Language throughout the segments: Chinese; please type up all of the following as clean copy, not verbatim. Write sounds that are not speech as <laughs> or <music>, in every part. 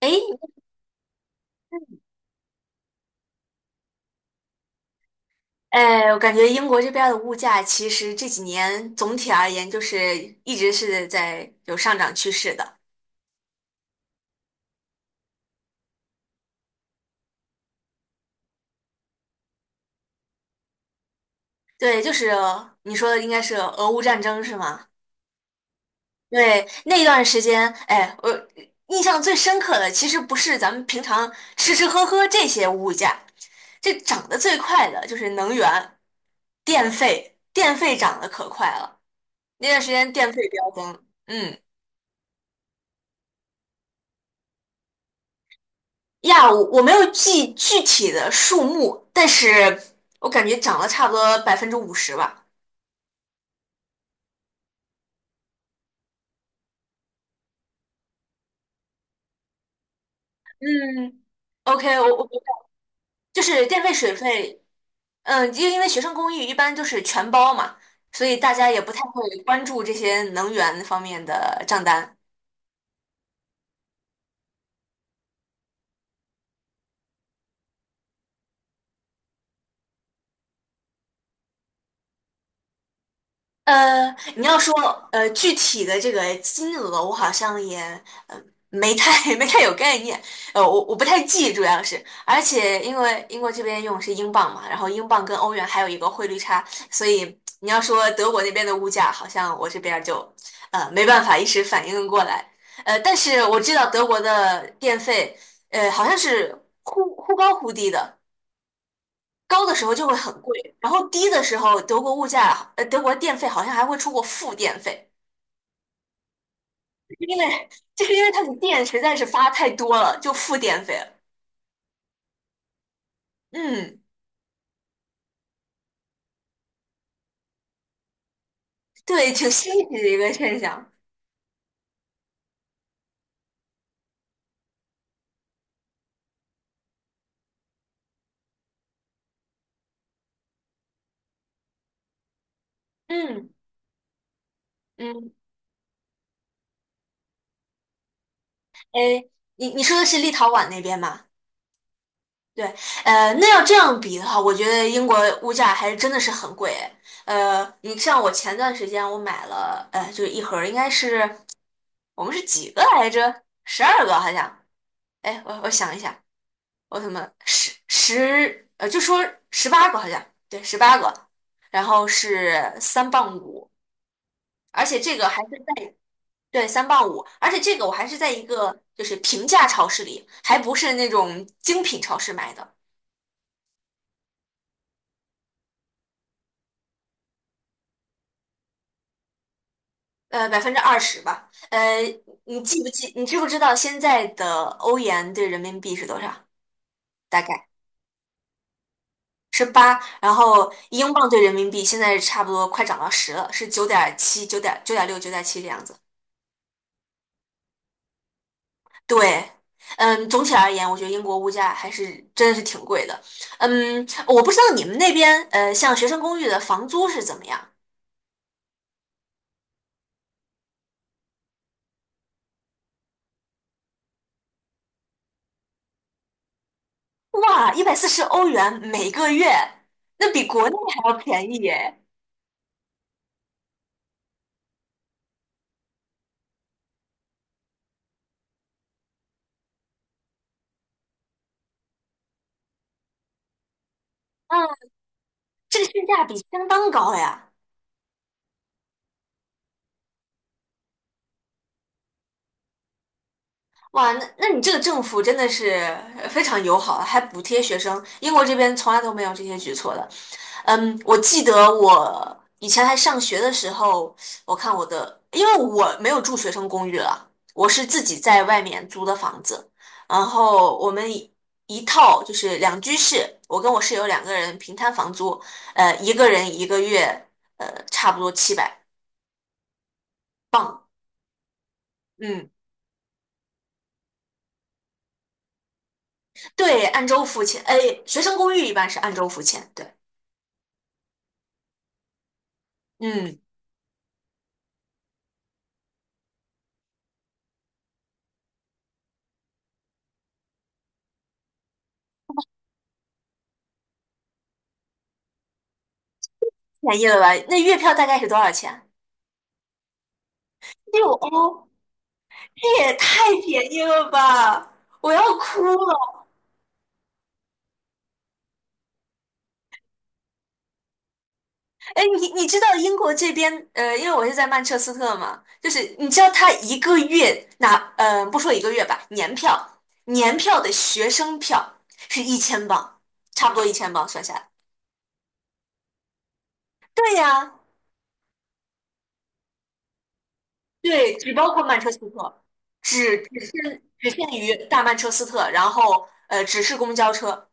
哎，哎，我感觉英国这边儿的物价其实这几年总体而言就是一直是在有上涨趋势的。对，就是你说的应该是俄乌战争是吗？对，那段时间，哎，我印象最深刻的其实不是咱们平常吃吃喝喝这些物价，这涨得最快的就是能源、电费，电费涨得可快了。那段时间电费飙升，嗯。呀，我没有记具体的数目，但是我感觉涨了差不多50%吧。嗯，OK,我就是电费水费，嗯，因为学生公寓一般就是全包嘛，所以大家也不太会关注这些能源方面的账单。你要说具体的这个金额，我好像也呃没太 <laughs> 没太有概念，我不太记，主要是，而且因为英国这边用的是英镑嘛，然后英镑跟欧元还有一个汇率差，所以你要说德国那边的物价，好像我这边儿就没办法一时反应过来，但是我知道德国的电费，好像是忽高忽低的。高的时候就会很贵，然后低的时候，德国物价，德国电费好像还会出过负电费，因为就是因为它的电实在是发太多了，就负电费了。嗯，对，挺新奇的一个现象。嗯嗯，哎，你说的是立陶宛那边吗？对，那要这样比的话，我觉得英国物价还真的是很贵诶。哎你像我前段时间我买了，就是一盒儿，应该是我们是几个来着？12个好像。哎，我想一下。奥特曼十十呃，就说十八个好像，对，十八个，然后是三磅五，而且这个还是在，对，三磅五，而且这个我还是在一个就是平价超市里，还不是那种精品超市买的，百分之二十吧，你记不记？你知不知道现在的欧元对人民币是多少？大概是八，然后英镑对人民币现在差不多快涨到十了，是九点七、九点六、九点七这样子。对，嗯，总体而言，我觉得英国物价还是真的是挺贵的。嗯，我不知道你们那边，像学生公寓的房租是怎么样？哇，140欧元每个月，那比国内还要便宜耶！啊，这个性价比相当高呀。哇，那你这个政府真的是非常友好，还补贴学生。英国这边从来都没有这些举措的。嗯，我记得我以前还上学的时候，我看我的，因为我没有住学生公寓了，我是自己在外面租的房子。然后我们一套就是两居室，我跟我室友两个人平摊房租，一个人一个月，差不多700镑。嗯，对，按周付钱。哎，学生公寓一般是按周付钱，对。嗯，便宜了吧？那月票大概是多少钱？6欧，这也太便宜了吧！我要哭了。哎，你知道英国这边，因为我是在曼彻斯特嘛，就是你知道他一个月拿，不说一个月吧，年票，年票的学生票是一千镑，差不多一千镑算下来。对呀，对，只包括曼彻斯特，只限于大曼彻斯特，然后只是公交车，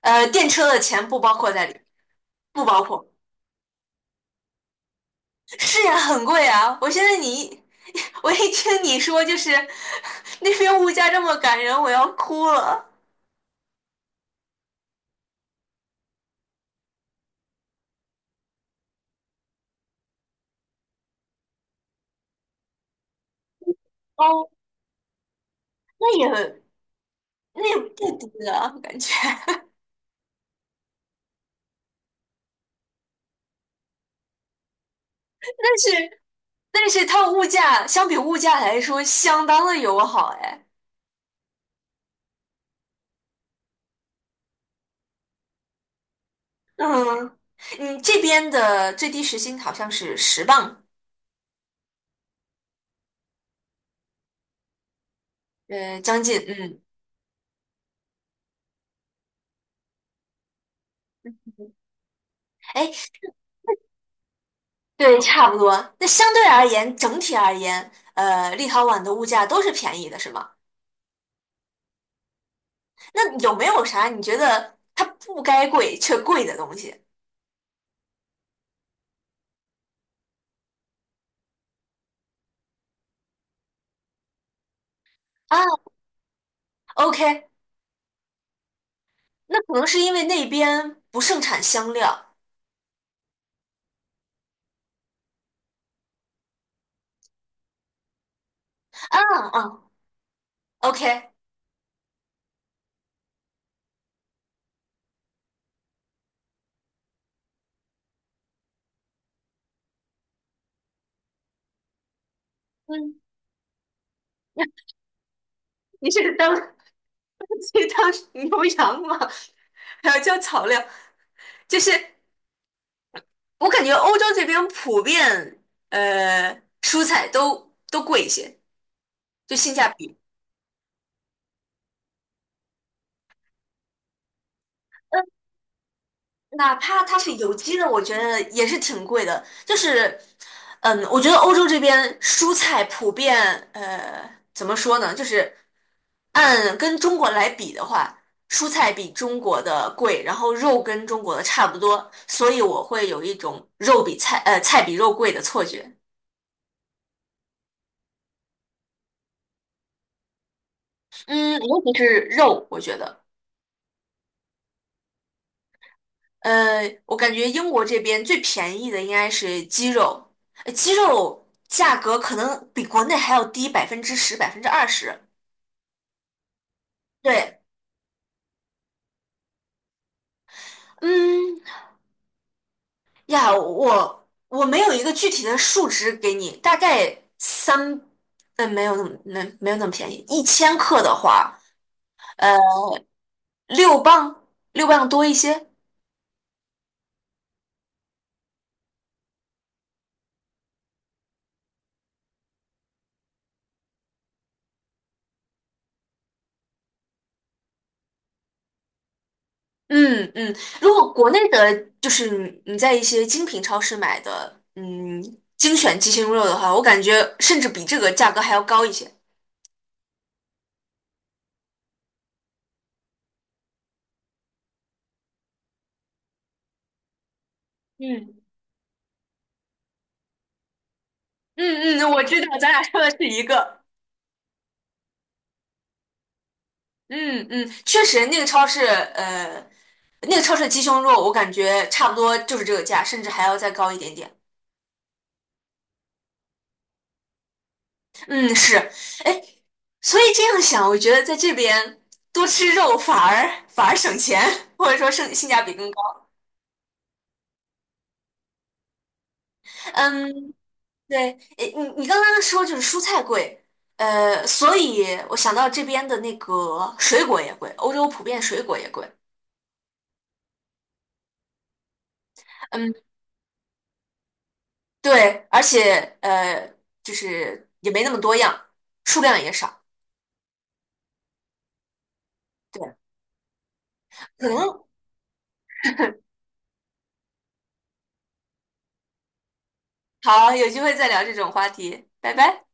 电车的钱不包括在里。不包括。是呀，很贵啊！我现在<laughs> 我一听你说就是 <laughs> 那边物价这么感人，我要哭了。哦，那也那也不低啊，感觉。<laughs> 但是但是它物价相比物价来说，相当的友好哎。嗯，你这边的最低时薪好像是10磅，将近嗯。哎，对，差不多。那相对而言，整体而言，立陶宛的物价都是便宜的，是吗？那有没有啥你觉得它不该贵却贵的东西啊？OK，那可能是因为那边不盛产香料啊啊，OK，嗯，你是当 <laughs> 去当牛羊吗？还要交草料？就是我感觉欧洲这边普遍呃蔬菜都贵一些，就性价比。哪怕它是有机的，我觉得也是挺贵的。就是，嗯，我觉得欧洲这边蔬菜普遍，怎么说呢？就是按跟中国来比的话，蔬菜比中国的贵，然后肉跟中国的差不多，所以我会有一种肉比菜，菜比肉贵的错觉。嗯，尤其是肉，我觉得。我感觉英国这边最便宜的应该是鸡肉，鸡肉价格可能比国内还要低10%、百分之二十。对，嗯呀，我没有一个具体的数值给你，大概三，没有那么便宜，一千克的话，呃，六磅六磅多一些。嗯嗯，如果国内的，就是你在一些精品超市买的，嗯，精选鸡胸肉的话，我感觉甚至比这个价格还要高一些。嗯嗯嗯，我知道，咱俩说的是一个。嗯嗯，确实，那个超市，呃，那个超市的鸡胸肉，我感觉差不多就是这个价，甚至还要再高一点点。嗯，是，哎，所以这样想，我觉得在这边多吃肉反而省钱，或者说性价比更高。嗯，对，诶，你刚刚说就是蔬菜贵，所以我想到这边的那个水果也贵，欧洲普遍水果也贵，嗯，对，而且就是也没那么多样，数量也少，对，可能 <laughs> 好，有机会再聊这种话题，拜拜。